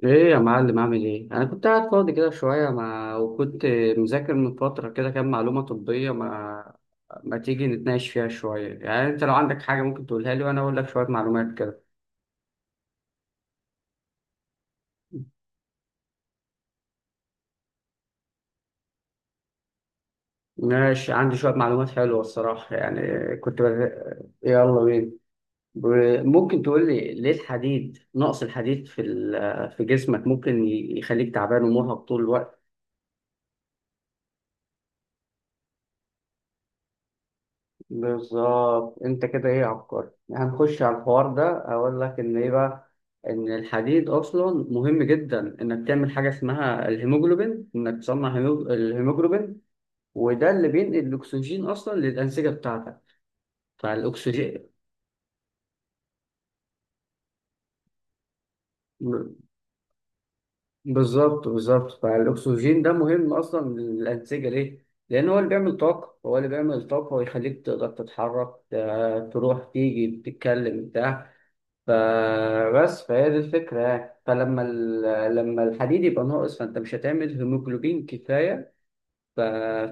ايه يا معلم، عامل ايه؟ انا كنت قاعد فاضي كده شويه ما، وكنت مذاكر من فتره كده كام معلومه طبيه. ما تيجي نتناقش فيها شويه، يعني انت لو عندك حاجه ممكن تقولها لي وانا اقول لك شويه معلومات كده. ماشي، عندي شويه معلومات حلوه الصراحه يعني. كنت بز... يلا بينا. ممكن تقول لي ليه الحديد، نقص الحديد في جسمك ممكن يخليك تعبان ومرهق طول الوقت؟ بالظبط، انت كده ايه، عبقري. هنخش على الحوار ده، اقول لك ان ايه بقى، ان الحديد اصلا مهم جدا انك تعمل حاجه اسمها الهيموجلوبين، انك تصنع الهيموجلوبين. وده اللي بينقل الاكسجين اصلا للانسجه بتاعتك. فالاكسجين بالظبط، بالظبط، فالاكسجين ده مهم اصلا للانسجه. ليه؟ لان هو اللي بيعمل طاقه، هو اللي بيعمل طاقه ويخليك تقدر تتحرك، تروح تيجي تتكلم بتاع. فبس، فهي دي الفكرة يعني. فلما لما الحديد يبقى ناقص، فأنت مش هتعمل هيموجلوبين كفاية. ف...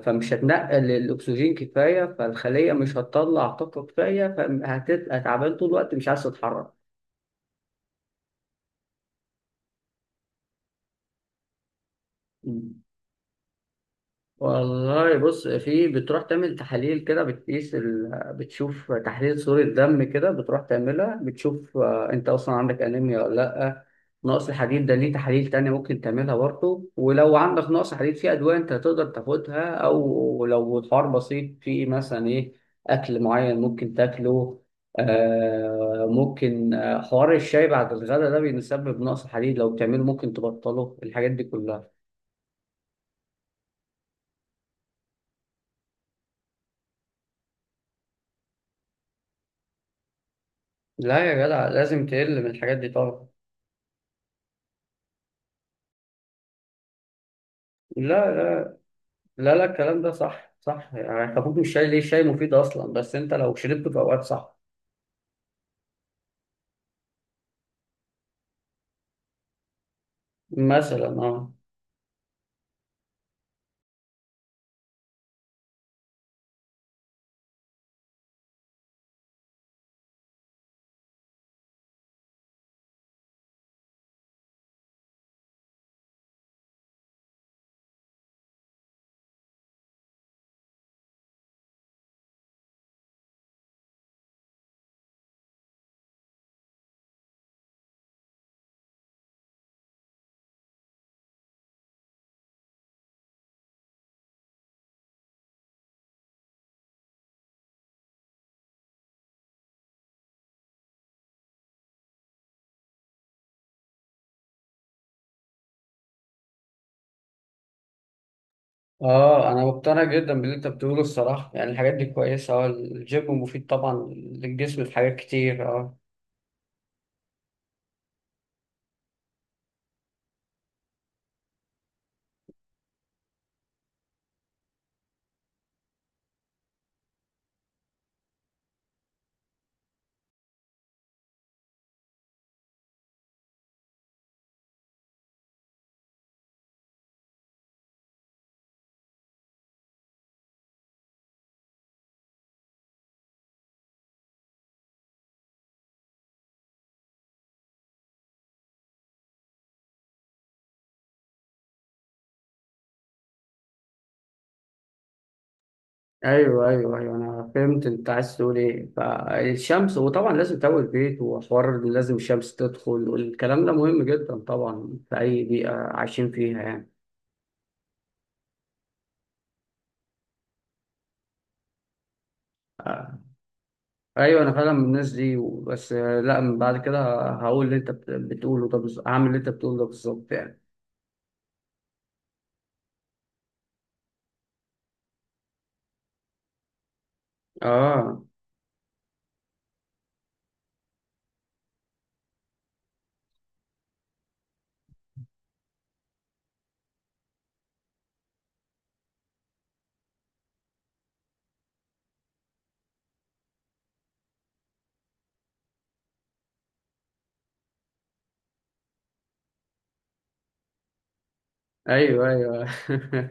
فمش هتنقل الأكسجين كفاية، فالخلية مش هتطلع طاقة كفاية، فهتبقى تعبان طول الوقت مش عايز تتحرك. والله بص، في بتروح تعمل تحاليل كده، بتقيس بتشوف تحليل صورة دم كده، بتروح تعملها، بتشوف انت اصلا عندك انيميا ولا لا. نقص الحديد ده، ليه تحاليل تانية ممكن تعملها برضه. ولو عندك نقص حديد، في ادوية انت تقدر تاخدها، او لو الحوار بسيط، في مثلا ايه، اكل معين ممكن تاكله. آه ممكن، حوار الشاي بعد الغداء ده بيسبب نقص حديد، لو بتعمله ممكن تبطله، الحاجات دي كلها. لا يا جدع، لازم تقل من الحاجات دي طبعا. لا لا. لا لا، الكلام ده صح، صح يعني. خفوف، مش شاي. ليه؟ الشاي مفيد اصلا، بس انت لو شربته في اوقات صح. مثلا اه. اه، انا مقتنع جدا باللي انت بتقوله الصراحه يعني، الحاجات دي كويسه، اه الجيم مفيد طبعا للجسم، في حاجات كتير اه. ايوه ايوه ايوه، انا فهمت انت عايز تقول ايه، فالشمس، وطبعا لازم تقوي البيت، وحوار إن لازم الشمس تدخل، والكلام ده مهم جدا طبعا في اي بيئه عايشين فيها يعني. آه. ايوه، انا فعلا من الناس دي، بس لا، من بعد كده هقول اللي انت بتقوله ده بالظبط، هعمل اللي انت بتقوله ده بالظبط يعني. اه ايوه ايوه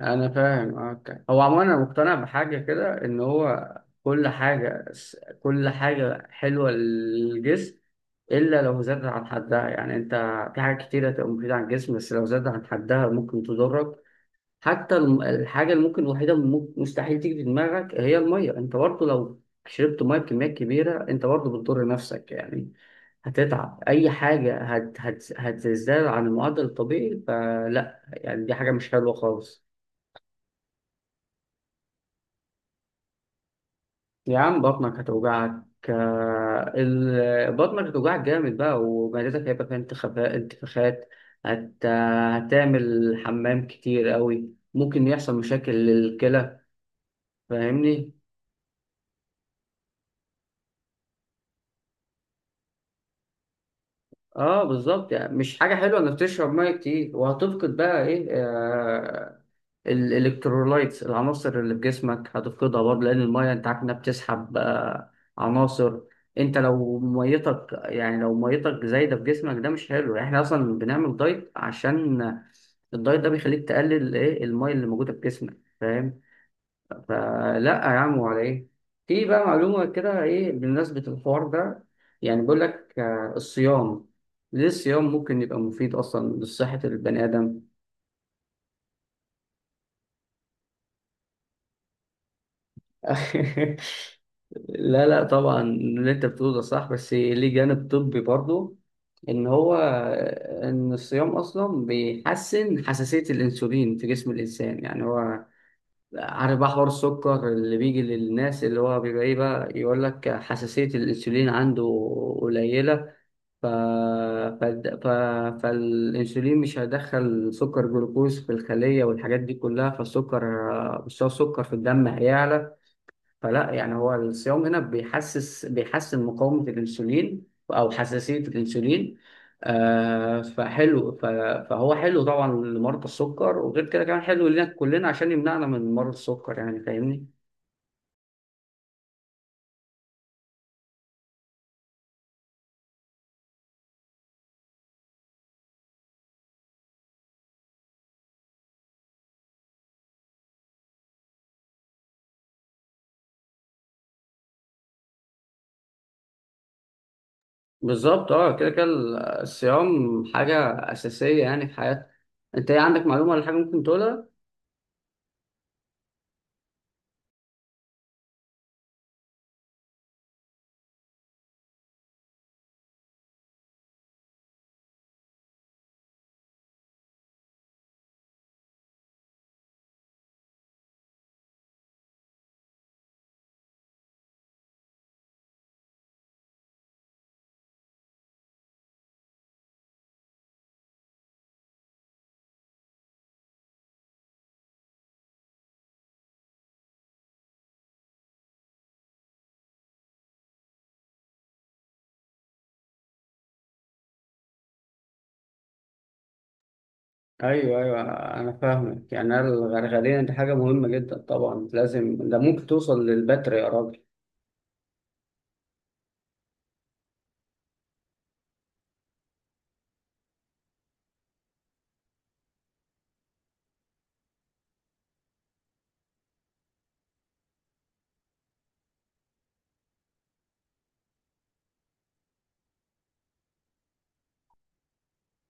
انا فاهم، اوكي. هو عموما انا مقتنع بحاجه كده، ان هو كل حاجه، كل حاجه حلوه للجسم الا لو زادت عن حدها، يعني انت في حاجات كتيره تبقى مفيده عن الجسم، بس لو زادت عن حدها ممكن تضرك. حتى الحاجة اللي ممكن، الوحيدة اللي مستحيل تيجي في دماغك، هي المية. انت برضه لو شربت مية بكميات كبيرة انت برضه بتضر نفسك يعني، هتتعب، اي حاجة هت هت هتزداد عن المعدل الطبيعي، فلا يعني دي حاجة مش حلوة خالص. يا عم بطنك هتوجعك. بطنك هتوجعك جامد بقى، ومعدتك هيبقى فيها انتفاخات. هتعمل حمام كتير قوي. ممكن يحصل مشاكل للكلى. فاهمني. اه بالظبط، يعني مش حاجه حلوه انك تشرب ميه كتير، وهتفقد بقى ايه، آه، الالكترولايتس، العناصر اللي في جسمك هتفقدها برضه، لان الميه انت عارف انها بتسحب آه عناصر. انت لو ميتك، يعني لو ميتك زايده في جسمك ده مش حلو، يعني احنا اصلا بنعمل دايت عشان الدايت ده بيخليك تقلل ايه الميه اللي موجوده في جسمك، فاهم؟ فلا يا عم، ولا ايه؟ في بقى معلومة كده ايه بمناسبة الحوار ده، يعني بيقول لك الصيام، ليه الصيام ممكن يبقى مفيد اصلا لصحة البني ادم؟ لا لا، طبعا اللي انت بتقوله ده صح، بس ليه جانب طبي برضه، ان هو ان الصيام اصلا بيحسن حساسية الانسولين في جسم الانسان، يعني هو عارف بقى حوار السكر اللي بيجي للناس، اللي هو بيبقى ايه بقى، يقول لك حساسية الانسولين عنده قليلة. ف... ف... ف... فالانسولين مش هيدخل سكر جلوكوز في الخلية، والحاجات دي كلها. فالسكر، مستوى السكر في الدم هيعلى. فلا يعني، هو الصيام هنا بيحسن مقاومة الأنسولين، أو حساسية الأنسولين، آه فحلو، فهو حلو طبعا لمرضى السكر، وغير كده كمان حلو لنا كلنا عشان يمنعنا من مرض السكر يعني فاهمني. بالظبط اه، كده كده، الصيام حاجة أساسية يعني في حياتنا. أنت إيه عندك معلومة ولا حاجة ممكن تقولها؟ ايوه ايوه، انا فاهمك. يعني الغرغرية دي حاجة مهمة جدا طبعا لازم، ده ممكن توصل للبتر يا راجل.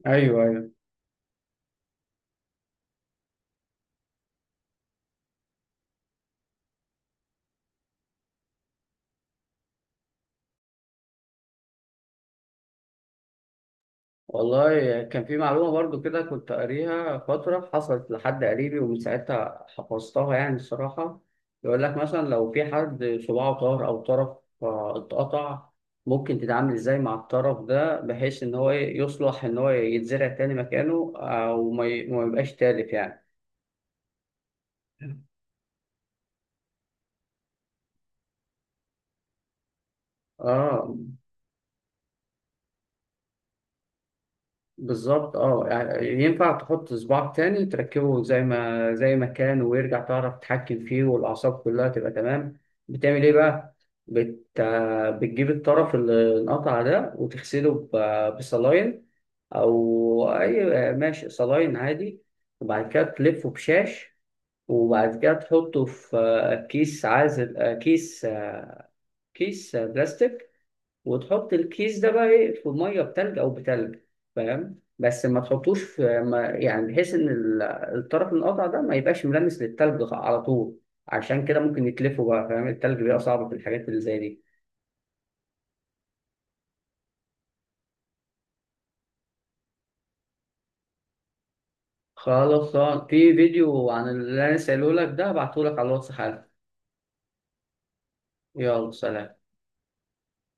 ايوه ايوه. والله كان في معلومة برضو كده كنت قاريها فترة، حصلت لحد قريبي ومن ساعتها حفظتها يعني الصراحة. يقول لك مثلا لو في حد صباعه طار، أو طرف اتقطع، ممكن تتعامل إزاي مع الطرف ده بحيث إن هو يصلح، إن هو يتزرع تاني مكانه، أو ما يبقاش تالف يعني. آه. بالظبط اه، يعني ينفع تحط صباعك تاني، تركبه زي ما كان، ويرجع تعرف تتحكم فيه، والأعصاب كلها تبقى تمام. بتعمل ايه بقى؟ بت... بتجيب الطرف اللي انقطع ده، وتغسله بصلاين، أو أي ماشي، صلاين عادي، وبعد كده تلفه بشاش، وبعد كده تحطه في كيس عازل، كيس بلاستيك، وتحط الكيس ده بقى ايه في ميه بتلج، او بتلج. فاهم، بس ما تحطوش في، ما يعني بحيث ان الطرف القطع ده ما يبقاش ملامس للتلج على طول، عشان كده ممكن يتلفوا بقى. فاهم، التلج بيبقى صعب في الحاجات اللي زي دي. خلاص، في فيديو عن اللي انا سألهولك ده هبعتهولك على الواتس حالا. يلا سلام.